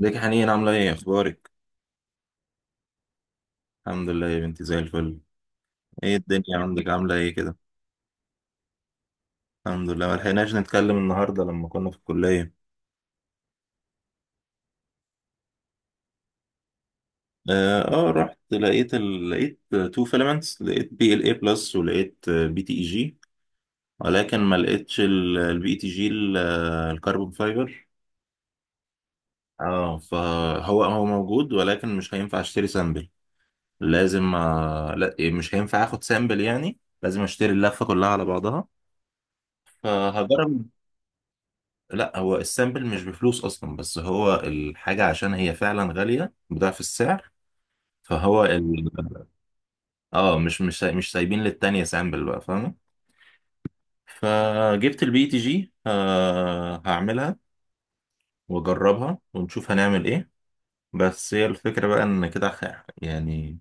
ازيك يا حنين عاملة ايه اخبارك؟ الحمد لله يا بنتي زي الفل. ايه الدنيا عندك عاملة ايه كده؟ الحمد لله ملحقناش نتكلم النهاردة لما كنا في الكلية. رحت لقيت تو فيلمنتس، لقيت بي ال اي بلس ولقيت بي تي اي جي، ولكن ما لقيتش البي تي جي الكربون فايبر. اه فهو هو موجود ولكن مش هينفع اشتري سامبل. لازم لا، مش هينفع اخد سامبل، يعني لازم اشتري اللفة كلها على بعضها، فهجرب. لا، هو السامبل مش بفلوس اصلا، بس هو الحاجه عشان هي فعلا غاليه بضعف السعر، فهو اه مش سايبين للتانية سامبل بقى، فاهمه. فجبت البي تي جي، هعملها واجربها ونشوف هنعمل ايه. بس هي الفكره بقى ان كده يعني،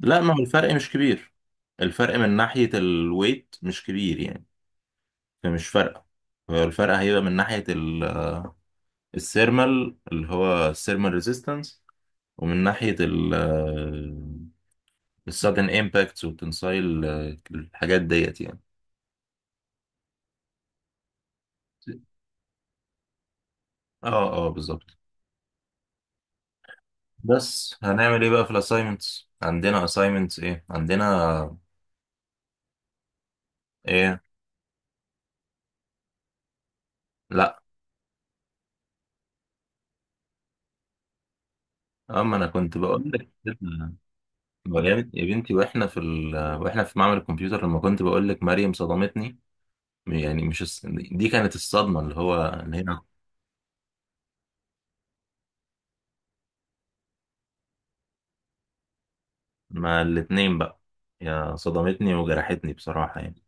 لا، ما هو الفرق مش كبير. الفرق من ناحيه الويت مش كبير يعني، فمش فارقه. هو الفرق هيبقى من ناحيه السيرمال، اللي هو السيرمال ريزيستنس، ومن ناحية ال السادن امباكتس والتنسايل، الحاجات ديت يعني. اه بالظبط. بس هنعمل ايه بقى، في الاساينمنتس عندنا اساينمنتس ايه عندنا؟ ايه؟ لا، اما انا كنت بقول لك كده. يا بنتي، واحنا في واحنا في معمل الكمبيوتر لما كنت بقول لك مريم صدمتني، يعني مش دي كانت الصدمة، اللي هو ان هي ما الاتنين بقى، يا صدمتني وجرحتني بصراحة يعني.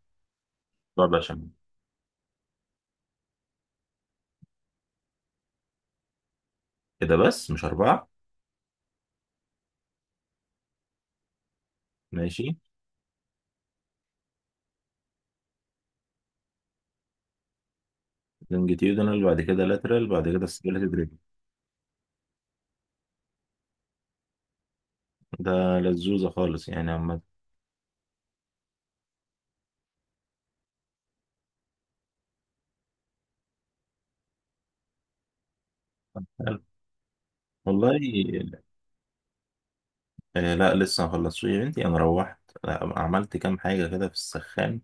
طب عشان كده، بس مش أربعة. ماشي. لونجيتيودنال، بعد كده لاترال، بعد كده ستريلاتد ريجن. ده لزوزة خالص يعني عامة. حلو. والله، لا، لسه ما خلصتش يا بنتي، انا روحت، عملت كام حاجة كده في السخان،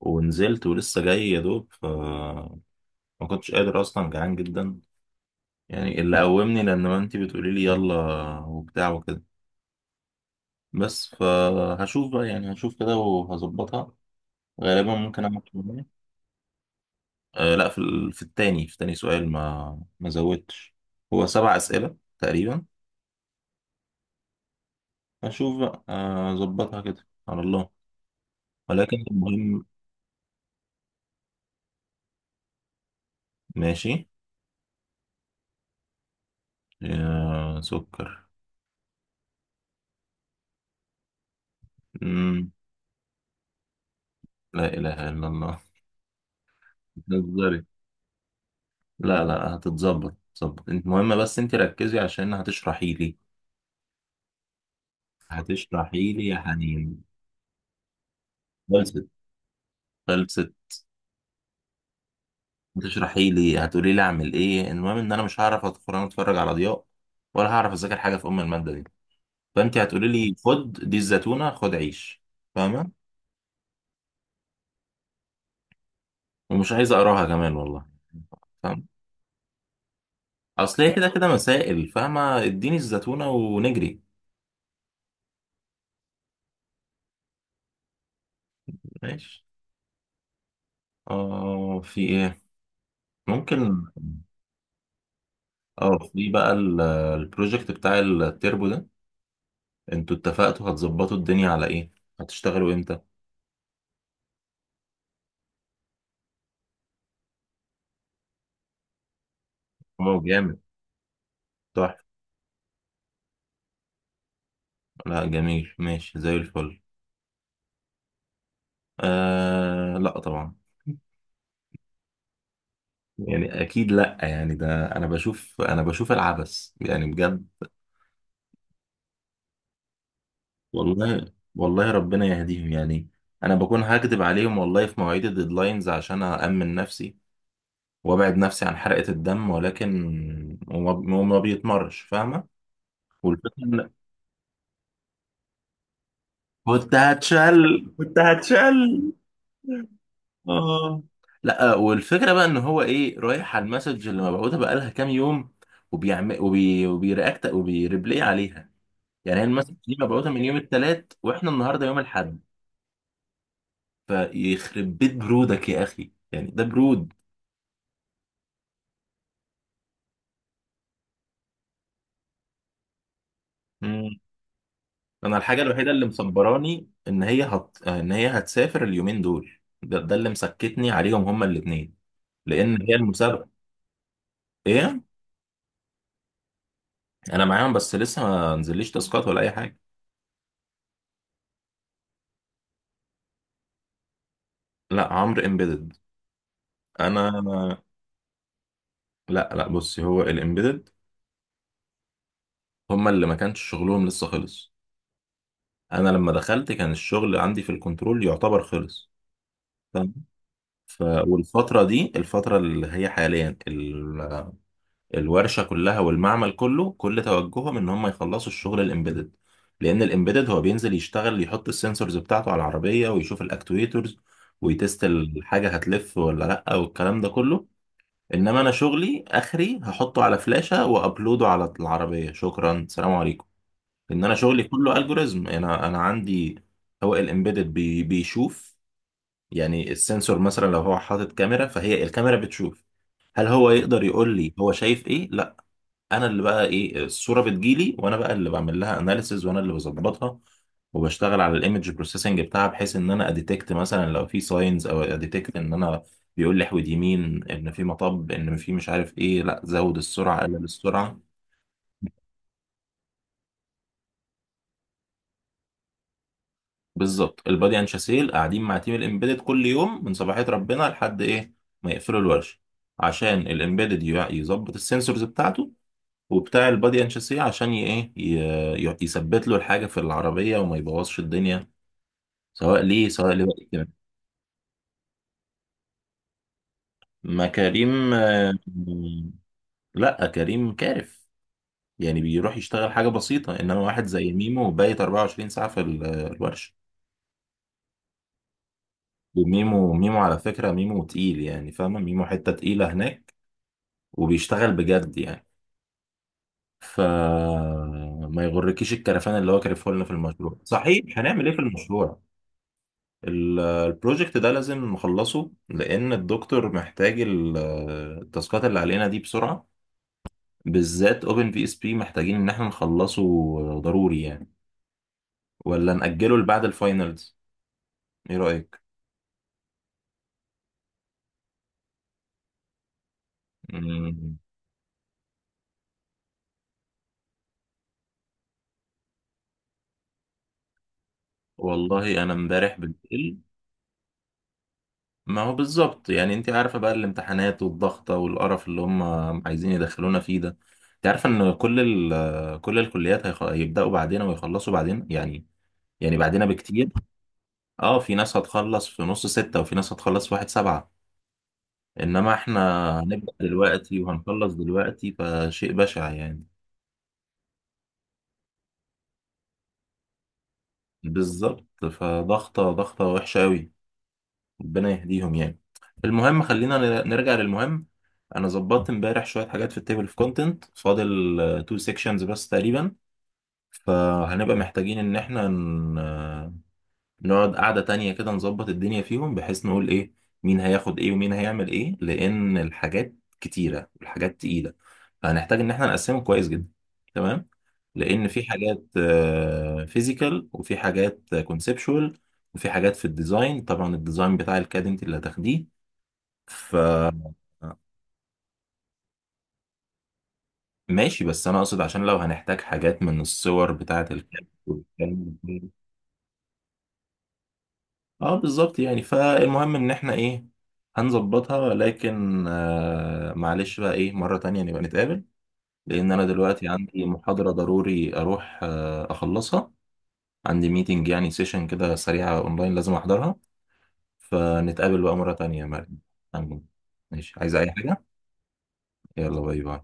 ونزلت ولسه جاي يا دوب، ف ما كنتش قادر اصلا، جعان جدا يعني، اللي قومني لان ما انتي بتقولي لي يلا وبتاع وكده. بس فهشوف بقى يعني، هشوف كده وهظبطها، غالبا ممكن اعمل كمية. لا، في في التاني في تاني سؤال، ما زودتش. هو سبع أسئلة تقريبا. أشوف بقى، أظبطها كده على الله. ولكن المهم، ماشي. يا سكر. مم. لا إله إلا الله. بتهزري؟ لا، تظبط، انت مهمة، بس انت ركزي عشان هتشرحي لي. هتشرحي لي يا حنين. خلصت، خلصت. هتشرحي لي، هتقولي لي اعمل ايه، المهم ان انا مش هعرف ادخل، انا اتفرج على ضياء، ولا هعرف اذاكر حاجة في ام المادة دي، فانت هتقولي لي خد دي الزيتونه خد عيش، فاهمه. ومش عايز اقراها كمان والله. فاهم. اصل هي كده كده مسائل، فاهمه، اديني الزيتونه ونجري. ماشي. اه في ايه، ممكن، اه في بقى البروجكت بتاع التربو ده، انتوا اتفقتوا هتظبطوا الدنيا على ايه؟ هتشتغلوا امتى؟ اه جامد، تحفه. لا، جميل، ماشي زي الفل. لا، طبعا. يعني اكيد، لا يعني ده انا بشوف العبث يعني بجد. والله والله ربنا يهديهم يعني، انا بكون هكدب عليهم والله في مواعيد الديدلاينز عشان أأمن نفسي وابعد نفسي عن حرقة الدم، ولكن وما وما بيتمرش، فاهمة. والفكرة كنت هتشل. اه لا، والفكرة بقى ان هو ايه، رايح على المسج اللي مبعوثة بقالها كام يوم، وبيعمل وبيرياكت وبيريبلاي عليها. يعني هي المسج دي مبعوثة من يوم الثلاث واحنا النهارده يوم الاحد، فيخرب بيت برودك يا اخي، يعني ده برود. مم. انا الحاجه الوحيده اللي مصبراني ان هي ان هي هتسافر اليومين دول. ده اللي مسكتني عليهم، هما الاثنين، لان هي المسابقه. ايه؟ انا معاهم، بس لسه ما نزليش تاسكات ولا اي حاجه. لا، عمرو امبيدد. انا لا بصي، هو الامبيدد هما اللي ما كانش شغلهم لسه خلص. انا لما دخلت كان الشغل عندي في الكنترول يعتبر خلص، فاهم. والفتره دي، الفتره اللي هي حاليا، الورشه كلها والمعمل كله كل توجههم ان هم يخلصوا الشغل الامبيدد، لان الامبيدد هو بينزل يشتغل، يحط السنسورز بتاعته على العربيه ويشوف الاكتويترز، ويتست الحاجه هتلف ولا لا، والكلام ده كله. انما انا شغلي اخري، هحطه على فلاشه وابلوده على العربيه، شكرا، سلام عليكم. ان انا شغلي كله الجوريزم، انا عندي. هو الامبيدد بيشوف، يعني السنسور مثلا لو هو حاطط كاميرا، فهي الكاميرا بتشوف. هل هو يقدر يقول لي هو شايف ايه؟ لا. انا اللي بقى ايه، الصوره بتجيلي، وانا بقى اللي بعمل لها اناليسز، وانا اللي بظبطها وبشتغل على الايمج بروسيسنج بتاعها، بحيث ان انا اديتكت مثلا لو في ساينز، او اديتكت ان انا بيقول لي احود يمين، ان في مطب، ان في مش عارف ايه، لا زود السرعه، قلل السرعه. بالظبط، البادي اند شاسيل قاعدين مع تيم الامبيدد كل يوم من صباحيه ربنا لحد ايه ما يقفلوا الورشه، عشان الامبيدد يظبط السنسورز بتاعته، وبتاع البادي اند شاسيه عشان يثبت له الحاجه في العربيه وما يبوظش الدنيا، سواء ليه سواء لوائل كمان. ما كريم، لا كريم كارف، يعني بيروح يشتغل حاجة بسيطة، انما واحد زي ميمو بايت 24 ساعة في الورشة. وميمو ميمو على فكرة، ميمو تقيل يعني، فاهمة، ميمو حتة تقيلة هناك، وبيشتغل بجد يعني، فما يغركيش الكرفان اللي هو كرفه لنا في المشروع. صحيح، هنعمل ايه في المشروع؟ البروجكت ده لازم نخلصه، لان الدكتور محتاج التاسكات اللي علينا دي بسرعة، بالذات اوبن في اس بي محتاجين ان احنا نخلصه، ضروري يعني، ولا نأجله لبعد الفاينلز؟ ايه رأيك؟ مم. والله انا امبارح بالليل، ما هو بالظبط يعني، انت عارفة بقى الامتحانات والضغطة والقرف اللي هم عايزين يدخلونا فيه ده. انت عارفة ان كل كل الكليات هيبدأوا بعدين ويخلصوا بعدين يعني، يعني بعدنا بكتير. اه في ناس هتخلص في نص ستة، وفي ناس هتخلص في واحد سبعة، انما احنا هنبدأ دلوقتي وهنخلص دلوقتي، فشيء بشع يعني. بالظبط، فضغطة ضغطة وحشة أوي، ربنا يهديهم يعني. المهم، خلينا نرجع للمهم. أنا ظبطت امبارح شوية حاجات في التيبل في كونتنت، فاضل تو سيكشنز بس تقريبا، فهنبقى محتاجين إن احنا نقعد قعدة تانية كده، نظبط الدنيا فيهم بحيث نقول ايه، مين هياخد ايه ومين هيعمل ايه، لان الحاجات كتيرة والحاجات تقيلة، فهنحتاج ان احنا نقسمه كويس جدا. تمام. لان في حاجات فيزيكال، وفي حاجات كونسبشوال، وفي حاجات في الديزاين، طبعا الديزاين بتاع الكاد انت اللي هتاخديه، ف ماشي. بس انا اقصد عشان لو هنحتاج حاجات من الصور بتاعة الكاد والكلام ده. اه بالظبط، يعني فالمهم ان احنا ايه، هنظبطها، لكن معلش بقى ايه، مرة تانية نبقى نتقابل، لان انا دلوقتي عندي محاضرة ضروري اروح اخلصها، عندي ميتنج يعني، سيشن كده سريعة اونلاين، لازم احضرها، فنتقابل بقى مرة تانية يا مريم. تمام. ماشي، عايز اي حاجة؟ يلا باي باي.